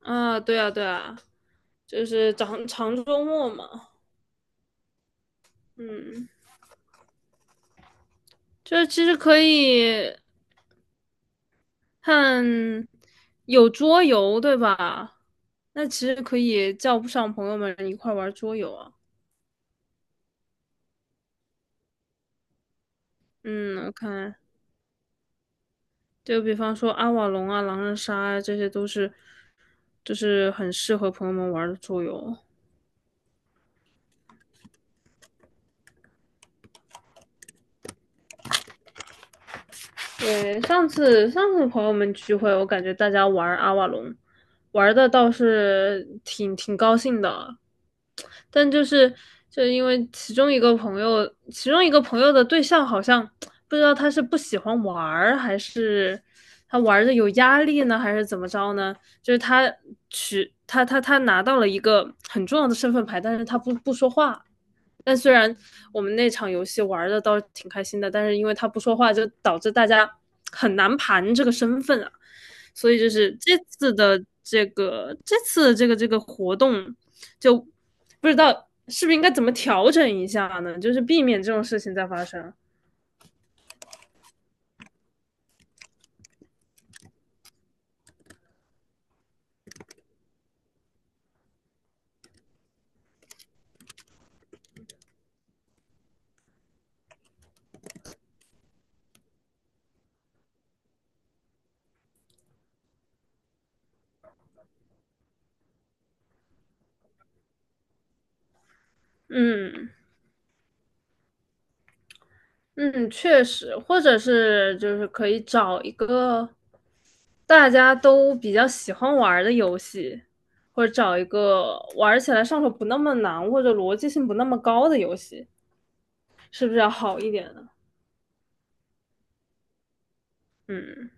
啊，对啊，对啊，就是周末嘛。嗯，就是其实可以看有桌游，对吧？那其实可以叫不上朋友们一块玩桌游啊。嗯，我看就比方说阿瓦隆啊、狼人杀啊，这些都是就是很适合朋友们玩的桌游。对，上次朋友们聚会，我感觉大家玩阿瓦隆，玩的倒是挺高兴的。但就是就因为其中一个朋友，其中一个朋友的对象好像不知道他是不喜欢玩儿，还是他玩的有压力呢，还是怎么着呢？就是他取他他他拿到了一个很重要的身份牌，但是他不说话，但虽然我们那场游戏玩的倒是挺开心的，但是因为他不说话，就导致大家很难盘这个身份啊。所以就是这次的这个这个活动，就不知道是不是应该怎么调整一下呢？就是避免这种事情再发生。嗯。嗯，确实，或者是就是可以找一个大家都比较喜欢玩儿的游戏，或者找一个玩起来上手不那么难，或者逻辑性不那么高的游戏，是不是要好一点呢？嗯。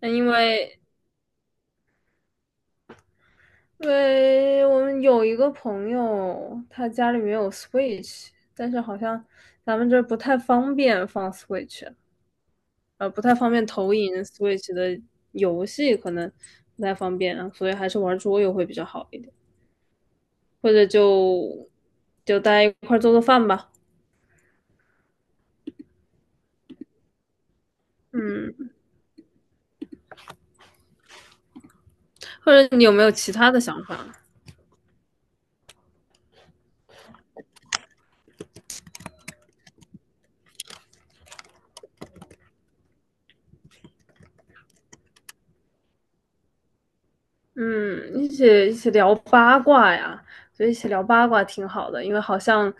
那因为我们有一个朋友，他家里面有 Switch,但是好像咱们这儿不太方便放 Switch。不太方便投影 Switch 的游戏，可能不太方便啊，所以还是玩桌游会比较好一点，或者就大家一块做做饭吧。嗯，或者你有没有其他的想法？嗯，一起聊八卦呀，所以一起聊八卦挺好的，因为好像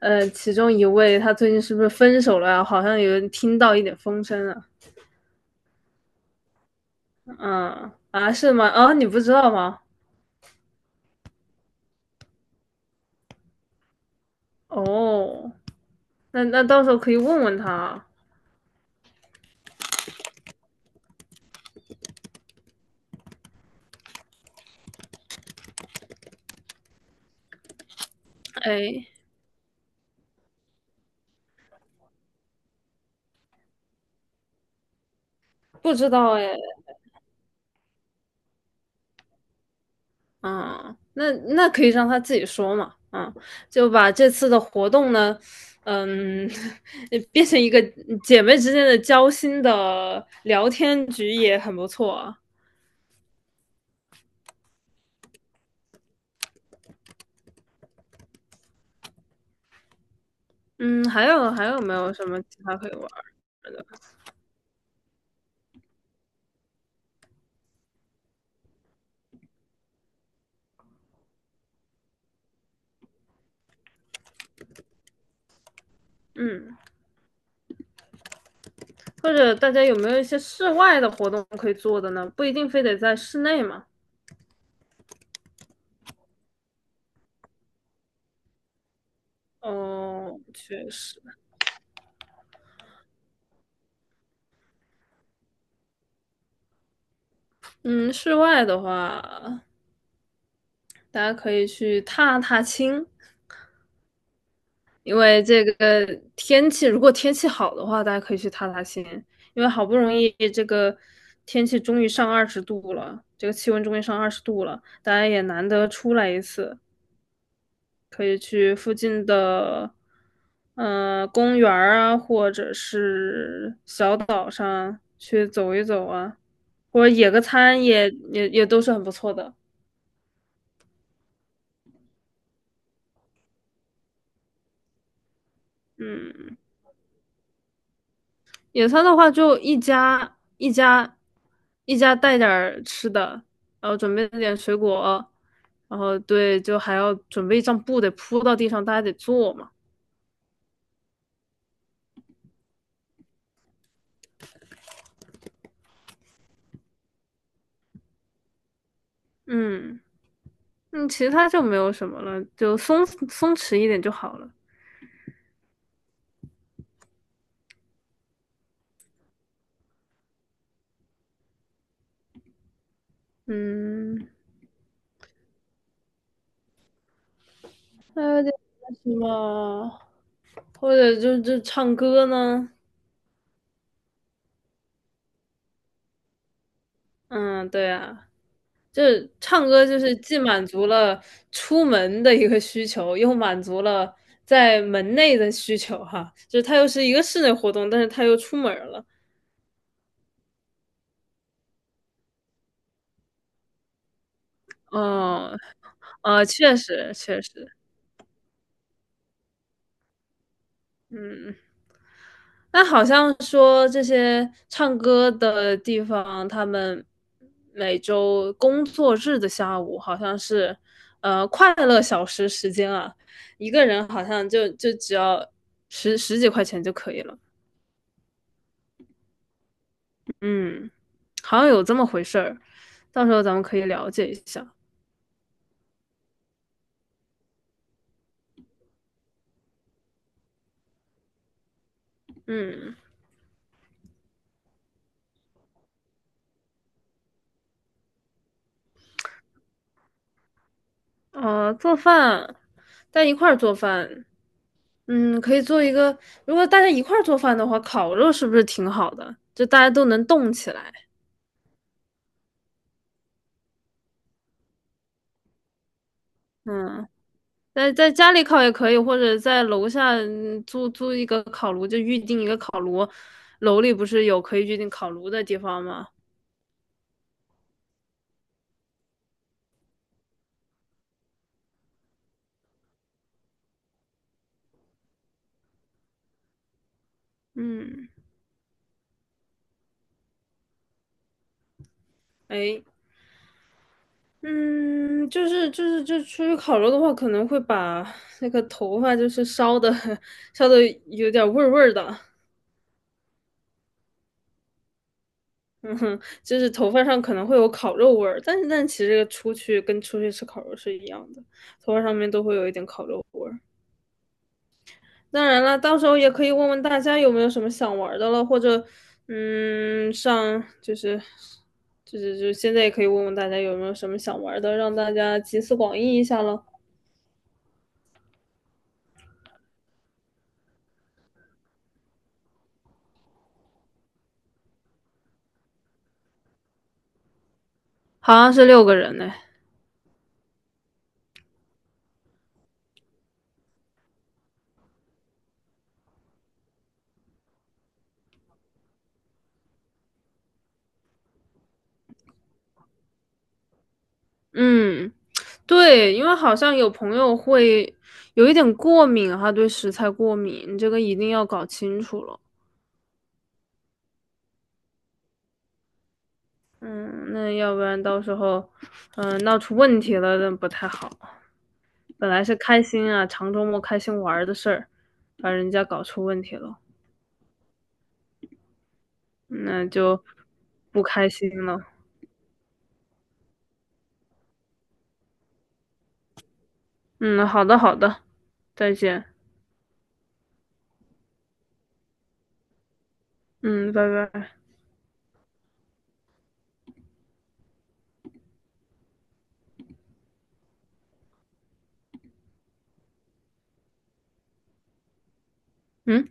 其中一位他最近是不是分手了呀？好像有人听到一点风声啊。嗯啊，是吗？啊，你不知道吗？哦，那那到时候可以问问他。哎。不知道哎。啊，那那可以让他自己说嘛。啊，就把这次的活动呢，嗯，变成一个姐妹之间的交心的聊天局也很不错啊。嗯，还有没有什么其他可以玩儿的？嗯，或者大家有没有一些室外的活动可以做的呢？不一定非得在室内嘛。哦，确实。嗯，室外的话，大家可以去踏踏青。因为这个天气，如果天气好的话，大家可以去踏踏青，因为好不容易这个天气终于上二十度了，这个气温终于上二十度了，大家也难得出来一次，可以去附近的公园儿啊，或者是小岛上去走一走啊，或者野个餐也都是很不错的。嗯。野餐的话，就一家带点儿吃的，然后准备点水果，然后对，就还要准备一张布得铺到地上，大家得坐嘛。嗯。嗯，其他就没有什么了，就弛一点就好了。嗯，还有点什么，或者就唱歌呢？嗯，对啊。就是唱歌，就是既满足了出门的一个需求，又满足了在门内的需求哈。就是它又是一个室内活动，但是它又出门了。哦。确实确实。嗯，那好像说这些唱歌的地方，他们每周工作日的下午好像是，快乐小时时间啊，一个人好像就只要十几块钱就可以了。嗯，好像有这么回事儿，到时候咱们可以了解一下。嗯。做饭，大家一块儿做饭。嗯，可以做一个，如果大家一块儿做饭的话，烤肉是不是挺好的？就大家都能动起来。嗯，在在家里烤也可以，或者在楼下嗯租一个烤炉，就预定一个烤炉。楼里不是有可以预定烤炉的地方吗？嗯。哎。嗯，就是就出去烤肉的话，可能会把那个头发就是烧的 烧的有点味儿的。嗯哼，就是头发上可能会有烤肉味儿，但是但其实出去跟出去吃烤肉是一样的，头发上面都会有一点烤肉味儿。当然了，到时候也可以问问大家有没有什么想玩的了，或者嗯，上就是就现在也可以问问大家有没有什么想玩的，让大家集思广益一下了。好像是6个人呢。嗯，对，因为好像有朋友会有一点过敏哈，对食材过敏，这个一定要搞清楚了。嗯，那要不然到时候，嗯、闹出问题了那不太好。本来是开心啊，长周末开心玩儿的事儿，把人家搞出问题了，那就不开心了。嗯，好的，好的，再见。嗯，拜拜。嗯。